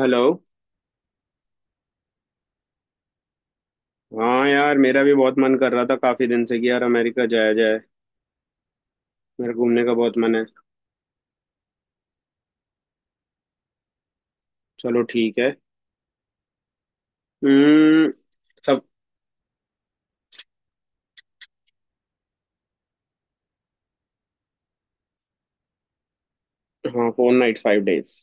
Hello. हाँ यार, मेरा भी बहुत मन कर रहा था काफी दिन से कि यार अमेरिका जाया जाए। मेरा घूमने का बहुत मन है। चलो ठीक है। हम्म। सब। हाँ, फोर नाइट्स फाइव डेज।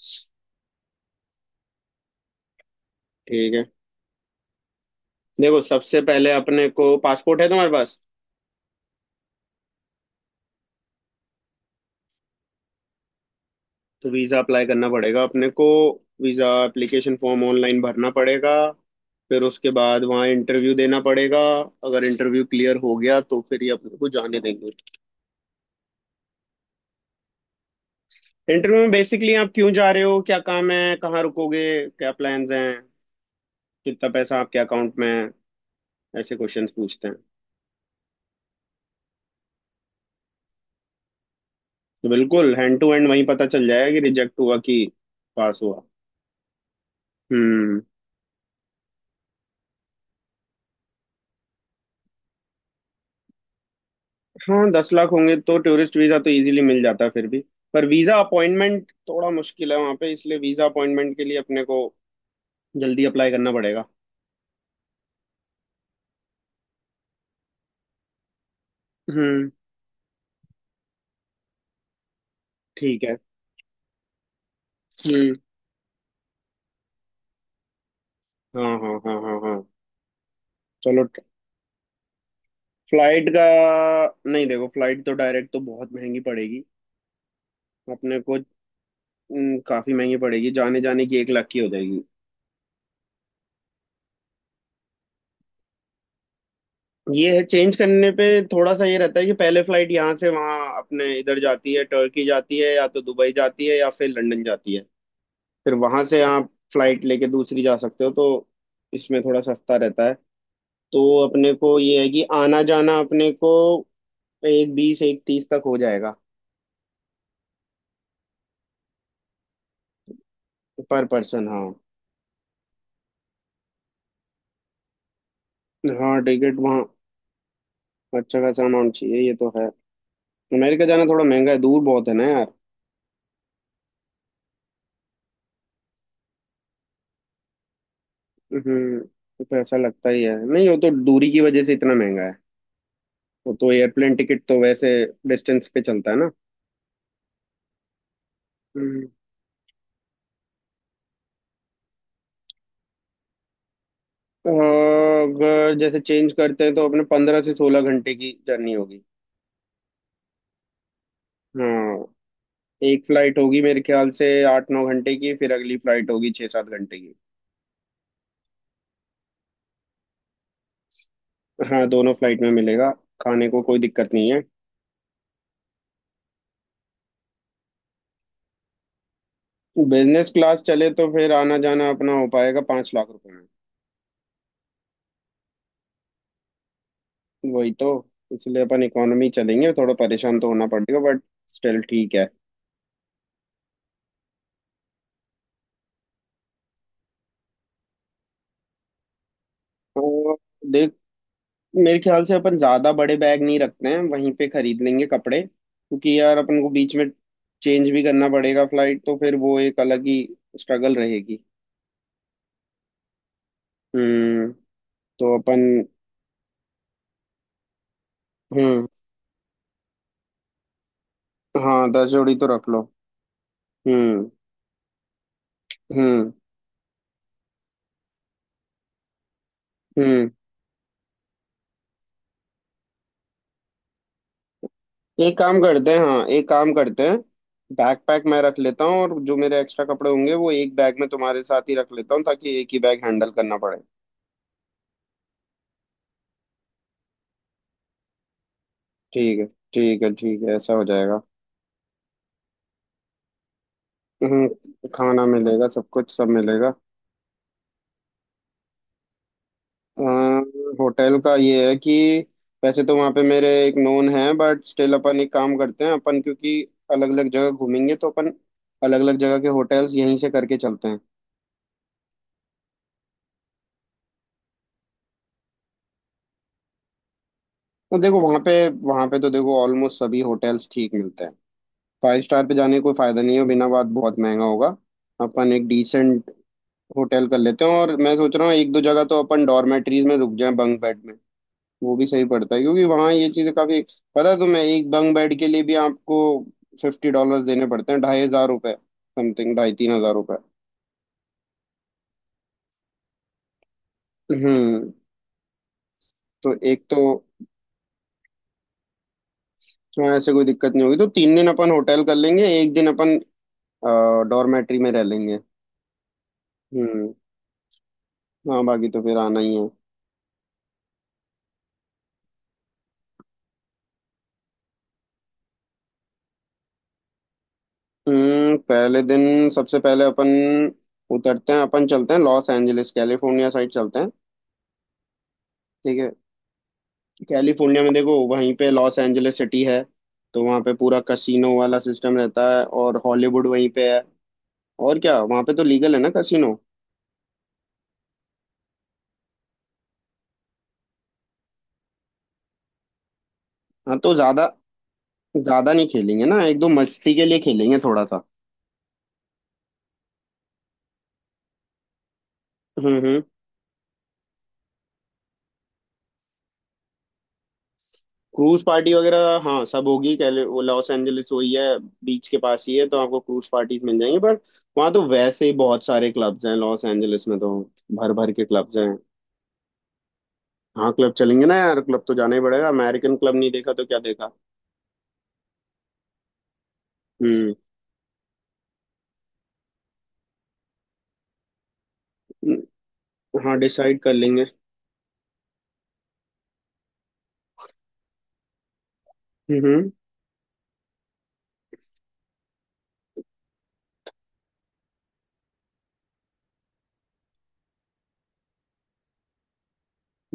ठीक है। देखो, सबसे पहले अपने को पासपोर्ट है तुम्हारे पास? तो वीजा अप्लाई करना पड़ेगा अपने को। वीजा एप्लीकेशन फॉर्म ऑनलाइन भरना पड़ेगा। फिर उसके बाद वहाँ इंटरव्यू देना पड़ेगा। अगर इंटरव्यू क्लियर हो गया तो फिर ये अपने को जाने देंगे। इंटरव्यू में बेसिकली आप क्यों जा रहे हो, क्या काम है, कहाँ रुकोगे, क्या प्लान्स हैं, कितना पैसा आपके अकाउंट में है। ऐसे क्वेश्चंस पूछते हैं। तो बिल्कुल हैंड टू हैंड वहीं पता चल जाएगा कि रिजेक्ट हुआ कि पास हुआ। हम्म। हाँ 10 लाख होंगे तो टूरिस्ट वीजा तो इजीली मिल जाता है फिर भी। पर वीजा अपॉइंटमेंट थोड़ा मुश्किल है वहाँ पे, इसलिए वीजा अपॉइंटमेंट के लिए अपने को जल्दी अप्लाई करना पड़ेगा। हम्म। ठीक है। हम्म। हाँ हाँ हाँ हाँ हाँ। चलो। फ्लाइट का? नहीं देखो, फ्लाइट तो डायरेक्ट तो बहुत महंगी पड़ेगी अपने को। काफी महंगी पड़ेगी, जाने जाने की 1 लाख की हो जाएगी। ये है, चेंज करने पे थोड़ा सा ये रहता है कि पहले फ्लाइट यहाँ से वहाँ अपने इधर जाती है, टर्की जाती है या तो दुबई जाती है या फिर लंदन जाती है। फिर वहां से आप फ्लाइट लेके दूसरी जा सकते हो, तो इसमें थोड़ा सस्ता रहता है। तो अपने को ये है कि आना जाना अपने को एक बीस एक तीस तक हो जाएगा। पर पर्सन, हाँ। हाँ टिकट वहाँ। अच्छा खासा अमाउंट चाहिए, ये तो है। अमेरिका जाना थोड़ा महंगा है, दूर बहुत है ना यार। हम्म। तो पैसा लगता ही है, नहीं वो तो दूरी की वजह से इतना महंगा है। वो तो एयरप्लेन टिकट तो वैसे डिस्टेंस पे चलता है ना। हम्म। अगर जैसे चेंज करते हैं तो अपने 15 से 16 घंटे की जर्नी होगी। हाँ एक फ्लाइट होगी मेरे ख्याल से 8-9 घंटे की, फिर अगली फ्लाइट होगी 6-7 घंटे की। हाँ, दोनों फ्लाइट में मिलेगा। खाने को कोई दिक्कत नहीं है। बिजनेस क्लास चले तो फिर आना जाना अपना हो पाएगा 5 लाख रुपए में। वही तो, इसलिए अपन इकोनॉमी चलेंगे, थोड़ा परेशान तो होना पड़ेगा बट स्टिल ठीक है। तो देख, मेरे ख्याल से अपन ज्यादा बड़े बैग नहीं रखते हैं, वहीं पे खरीद लेंगे कपड़े क्योंकि यार अपन को बीच में चेंज भी करना पड़ेगा फ्लाइट, तो फिर वो एक अलग ही स्ट्रगल रहेगी। हम्म। तो अपन। हम्म। हाँ 10 जोड़ी तो रख लो। हम्म। हम्म। हम्म। एक काम करते हैं, हाँ एक काम करते हैं, बैकपैक मैं रख लेता हूँ और जो मेरे एक्स्ट्रा कपड़े होंगे वो एक बैग में तुम्हारे साथ ही रख लेता हूँ ताकि एक ही बैग हैंडल करना पड़े। ठीक है। ठीक है ठीक है, ऐसा हो जाएगा। हम्म, खाना मिलेगा, सब कुछ सब मिलेगा। होटल का ये है कि वैसे तो वहाँ पे मेरे एक नोन है बट स्टिल अपन एक काम करते हैं, अपन क्योंकि अलग अलग जगह घूमेंगे तो अपन अलग अलग जगह के होटल्स यहीं से करके चलते हैं। तो देखो वहाँ पे, वहाँ पे तो देखो ऑलमोस्ट सभी होटल्स ठीक मिलते हैं। फाइव स्टार पे जाने का कोई फायदा नहीं है, बिना बात बहुत महंगा होगा। अपन एक डिसेंट होटल कर लेते हैं, और मैं सोच रहा हूँ एक दो जगह तो अपन डॉर्मेटरीज में रुक जाएं बंक बेड में। वो भी सही पड़ता है क्योंकि वहाँ ये चीजें काफी। पता है तुम्हें एक बंग बेड के लिए भी आपको $50 देने पड़ते हैं, 2,500 रुपए। समथिंग ढाई तीन हजार रुपए। हम्म। तो एक तो। हाँ ऐसे कोई दिक्कत नहीं होगी, तो 3 दिन अपन होटल कर लेंगे, 1 दिन अपन डॉर्मेट्री में रह लेंगे। हम्म। हाँ बाकी तो फिर आना ही है। हम्म, पहले दिन सबसे पहले अपन उतरते हैं, अपन चलते हैं लॉस एंजलिस कैलिफोर्निया साइड चलते हैं। ठीक है। कैलिफोर्निया में देखो वहीं पे लॉस एंजलिस सिटी है। तो वहाँ पे पूरा कसिनो वाला सिस्टम रहता है और हॉलीवुड वहीं पे है। और क्या, वहाँ पे तो लीगल है ना कसिनो। हाँ तो ज्यादा, ज्यादा नहीं खेलेंगे ना, एक दो मस्ती के लिए खेलेंगे थोड़ा सा। हम्म। हम्म। क्रूज पार्टी वगैरह हाँ सब होगी, कैले वो लॉस एंजलिस वही है, बीच के पास ही है, तो आपको क्रूज पार्टीज मिल जाएंगी। पर वहाँ तो वैसे ही बहुत सारे क्लब्स हैं लॉस एंजलिस में, तो भर भर के क्लब्स हैं। हाँ क्लब चलेंगे ना यार, क्लब तो जाना ही पड़ेगा, अमेरिकन क्लब नहीं देखा तो क्या देखा। हम्म। हाँ डिसाइड कर लेंगे। हम्म।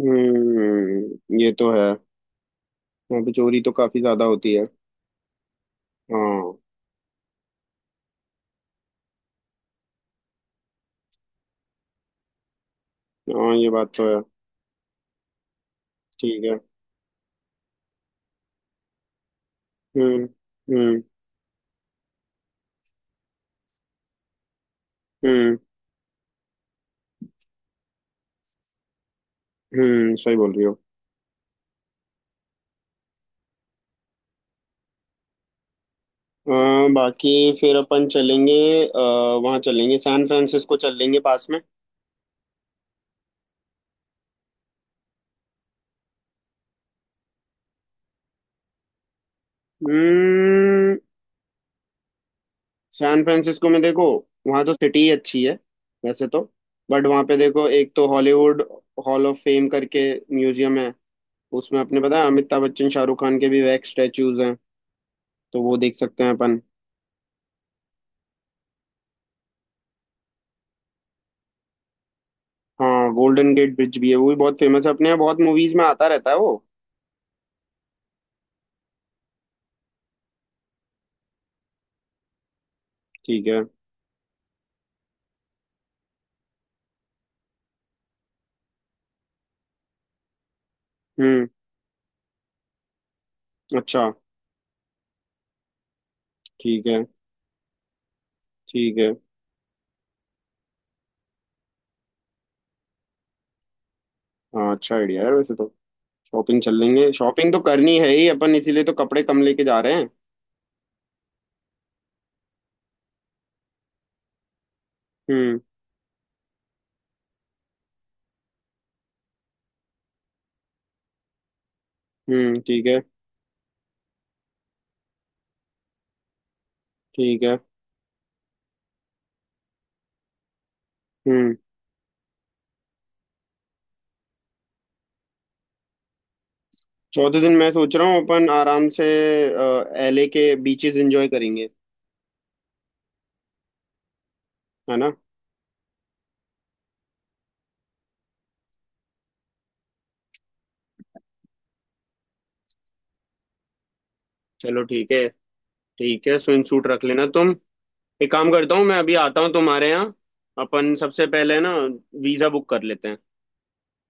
हम्म, ये तो है। वहाँ पे चोरी तो काफी ज्यादा होती है। हाँ। हाँ ये बात तो है। ठीक है। हम्म। हम्म। हम्म। सही बोल रही हो। बाकी, फिर अपन चलेंगे, आ, वहाँ चलेंगे, सैन फ्रांसिस्को चल लेंगे पास में। हम्म। सैन फ्रांसिस्को में देखो, वहाँ तो सिटी ही अच्छी है वैसे तो, बट वहाँ पे देखो एक तो हॉलीवुड हॉल ऑफ फेम करके म्यूजियम है, उसमें अपने पता है अमिताभ बच्चन शाहरुख खान के भी वैक्स स्टैचूज हैं, तो वो देख सकते हैं अपन। हाँ गोल्डन गेट ब्रिज भी है, वो भी बहुत फेमस है, अपने यहाँ बहुत मूवीज में आता रहता है वो। ठीक है। हम्म। अच्छा ठीक है। ठीक है। हाँ अच्छा आइडिया है वैसे तो, शॉपिंग चल लेंगे, शॉपिंग तो करनी है ही अपन, इसीलिए तो कपड़े कम लेके जा रहे हैं। हम्म। हम्म। ठीक है। ठीक है। हम्म। चौथे दिन मैं सोच रहा हूँ अपन आराम से एलए के बीचेस एंजॉय करेंगे, है ना। चलो ठीक है। ठीक है, स्विम सूट रख लेना तुम। एक काम करता हूँ, मैं अभी आता हूँ तुम्हारे यहाँ। अपन सबसे पहले ना वीज़ा बुक कर लेते हैं,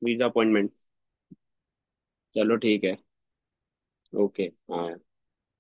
वीज़ा अपॉइंटमेंट। चलो ठीक है। ओके। हाँ।